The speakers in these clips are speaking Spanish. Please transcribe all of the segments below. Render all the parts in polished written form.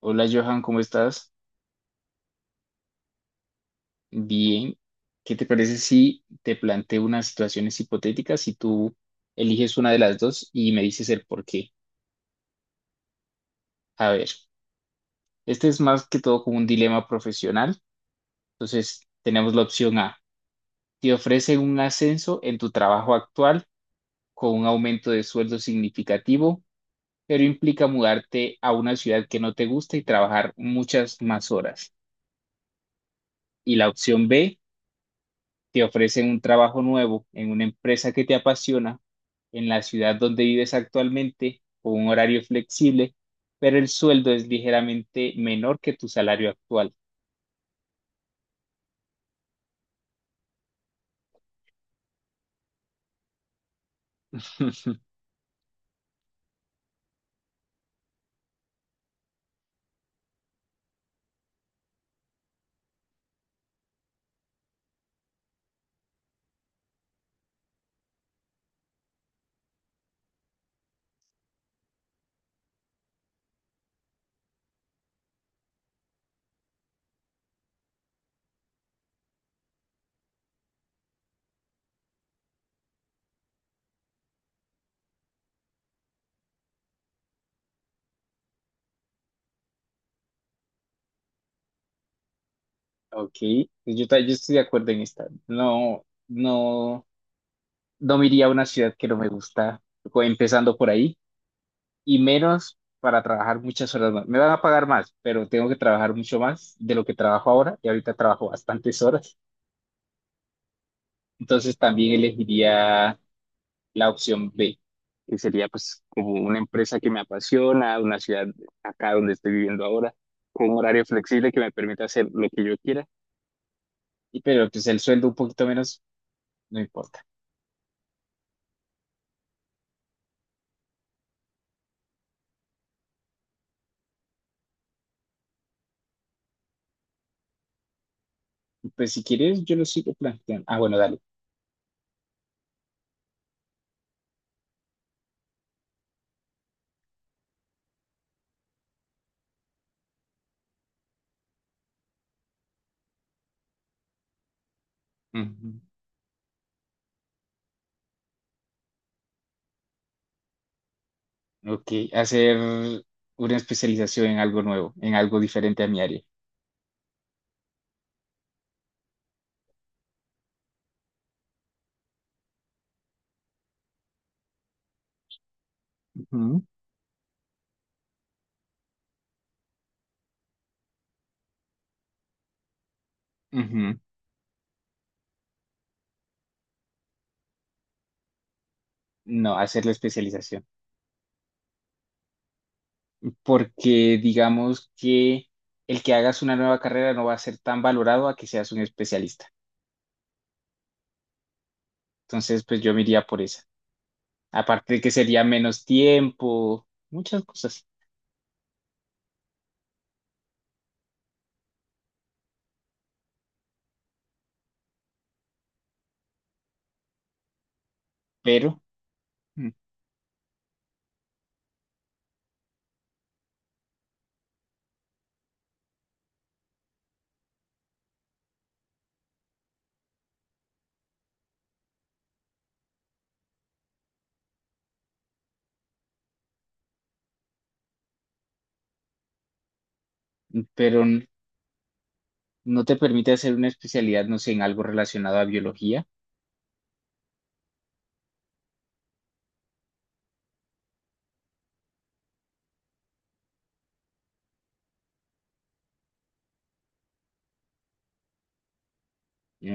Hola Johan, ¿cómo estás? Bien. ¿Qué te parece si te planteo unas situaciones hipotéticas y tú eliges una de las dos y me dices el por qué? A ver, este es más que todo como un dilema profesional. Entonces, tenemos la opción A. Te ofrecen un ascenso en tu trabajo actual con un aumento de sueldo significativo, pero implica mudarte a una ciudad que no te gusta y trabajar muchas más horas. Y la opción B te ofrecen un trabajo nuevo en una empresa que te apasiona, en la ciudad donde vives actualmente, con un horario flexible, pero el sueldo es ligeramente menor que tu salario actual. Ok, pues yo, yo estoy de acuerdo en esta. No, no, no me iría a una ciudad que no me gusta, empezando por ahí, y menos para trabajar muchas horas más. Me van a pagar más, pero tengo que trabajar mucho más de lo que trabajo ahora, y ahorita trabajo bastantes horas. Entonces también elegiría la opción B, que sería pues como una empresa que me apasiona, una ciudad acá donde estoy viviendo ahora, con un horario flexible que me permita hacer lo que yo quiera, y pero pues el sueldo un poquito menos, no importa. Pues si quieres, yo lo sigo planteando. Ah, bueno, dale. Ujú. Ok, hacer una especialización en algo nuevo, en algo diferente a mi área. Ujú. Ujú. No, hacer la especialización. Porque digamos que el que hagas una nueva carrera no va a ser tan valorado a que seas un especialista. Entonces, pues yo me iría por esa. Aparte de que sería menos tiempo, muchas cosas, pero, mm, pero no te permite hacer una especialidad, no sé, en algo relacionado a biología.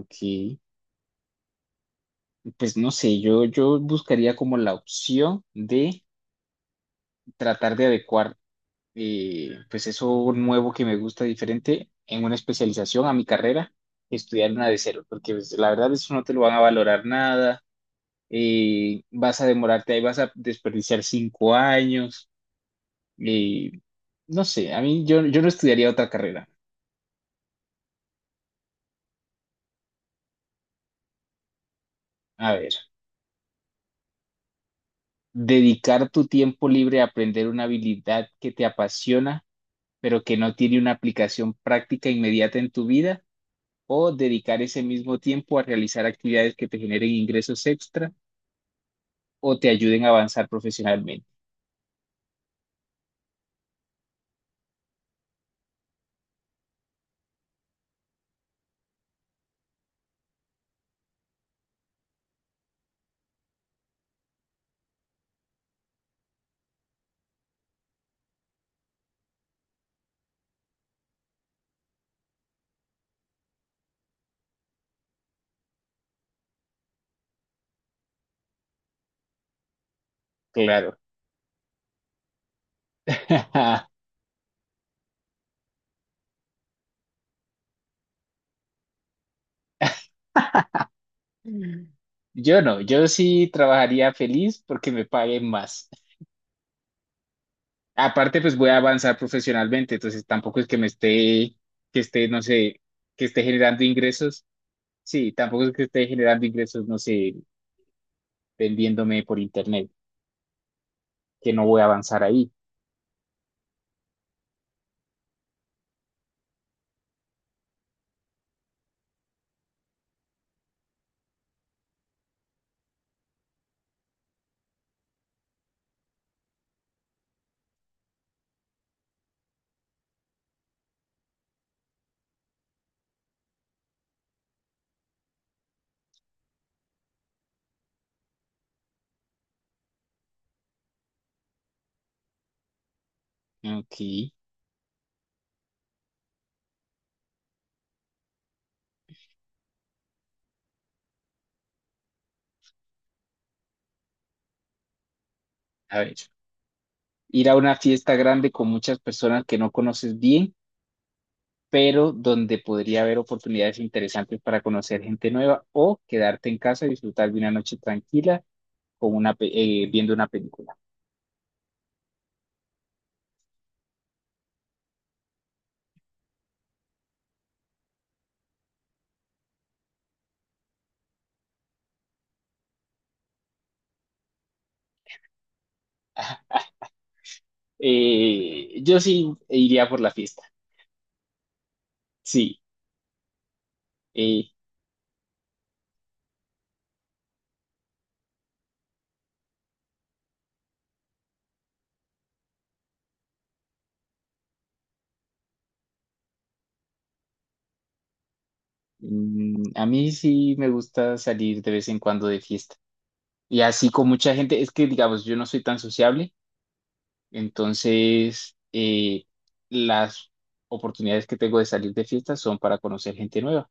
Ok, pues no sé, yo buscaría como la opción de tratar de adecuar, pues eso nuevo que me gusta diferente en una especialización a mi carrera, estudiar una de cero, porque pues, la verdad eso no te lo van a valorar nada, vas a demorarte ahí, vas a desperdiciar 5 años. Y no sé, a mí yo, yo no estudiaría otra carrera. A ver, dedicar tu tiempo libre a aprender una habilidad que te apasiona, pero que no tiene una aplicación práctica inmediata en tu vida, o dedicar ese mismo tiempo a realizar actividades que te generen ingresos extra o te ayuden a avanzar profesionalmente. Claro. Yo no, yo sí trabajaría feliz porque me paguen más. Aparte, pues voy a avanzar profesionalmente, entonces tampoco es que me esté, que esté, no sé, que esté generando ingresos. Sí, tampoco es que esté generando ingresos, no sé, vendiéndome por internet, que no voy a avanzar ahí. Ok, a ver. Ir a una fiesta grande con muchas personas que no conoces bien, pero donde podría haber oportunidades interesantes para conocer gente nueva o quedarte en casa y disfrutar de una noche tranquila con una, viendo una película. Yo sí iría por la fiesta. Sí. Eh, a mí sí me gusta salir de vez en cuando de fiesta. Y así con mucha gente, es que digamos, yo no soy tan sociable, entonces las oportunidades que tengo de salir de fiesta son para conocer gente nueva.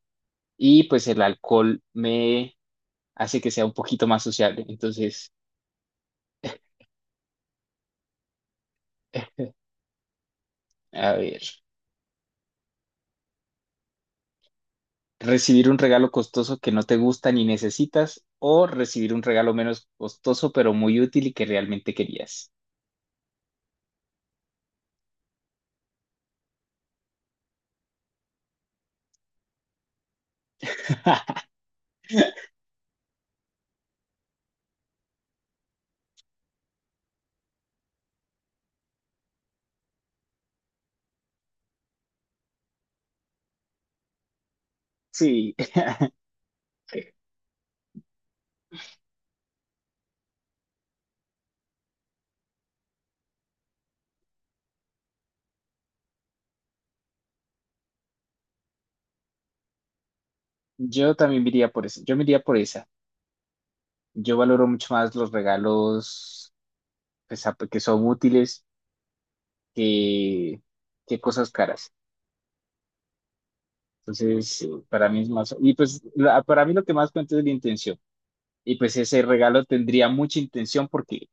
Y pues el alcohol me hace que sea un poquito más sociable. Entonces, a ver, recibir un regalo costoso que no te gusta ni necesitas o recibir un regalo menos costoso pero muy útil y que realmente querías. Sí. Yo también me iría por esa. Yo me iría por esa. Yo valoro mucho más los regalos pues, que son útiles que, que cosas caras. Entonces, para mí es más. Y pues, para mí lo que más cuenta es la intención. Y pues, ese regalo tendría mucha intención porque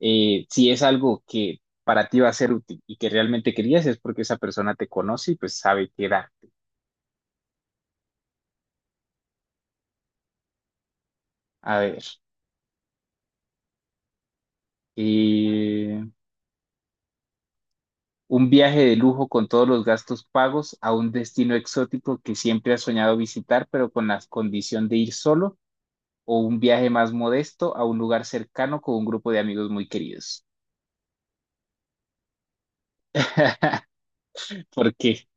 si es algo que para ti va a ser útil y que realmente querías, es porque esa persona te conoce y pues sabe qué darte. A ver. Un viaje de lujo con todos los gastos pagos a un destino exótico que siempre has soñado visitar, pero con la condición de ir solo, o un viaje más modesto a un lugar cercano con un grupo de amigos muy queridos. Porque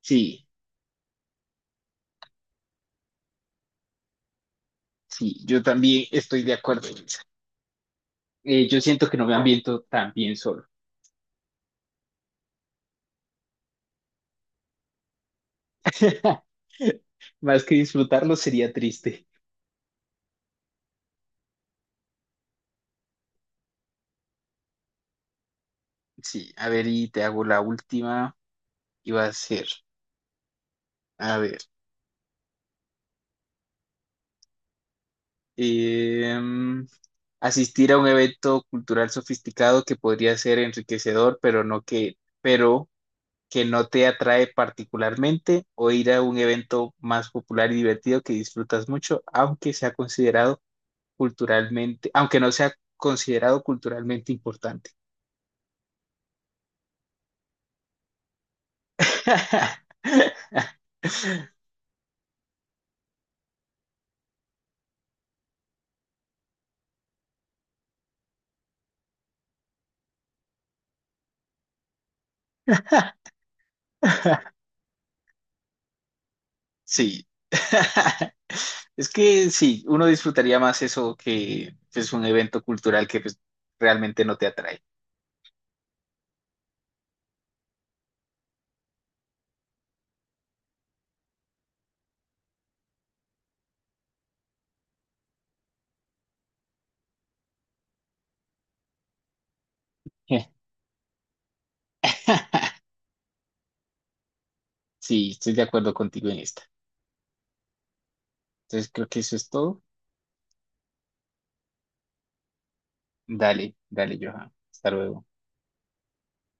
sí, sí, yo también estoy de acuerdo en eso. Yo siento que no me ambiento tan bien solo. Más que disfrutarlo sería triste. Sí, a ver, y te hago la última y va a ser, a ver. em, Asistir a un evento cultural sofisticado que podría ser enriquecedor, pero no que, pero que no te atrae particularmente, o ir a un evento más popular y divertido que disfrutas mucho, aunque sea considerado culturalmente, aunque no sea considerado culturalmente importante. Sí. Es que sí, uno disfrutaría más eso que es un evento cultural que pues, realmente no te atrae. Sí, estoy de acuerdo contigo en esta. Entonces creo que eso es todo. Dale, dale, Johan. Hasta luego.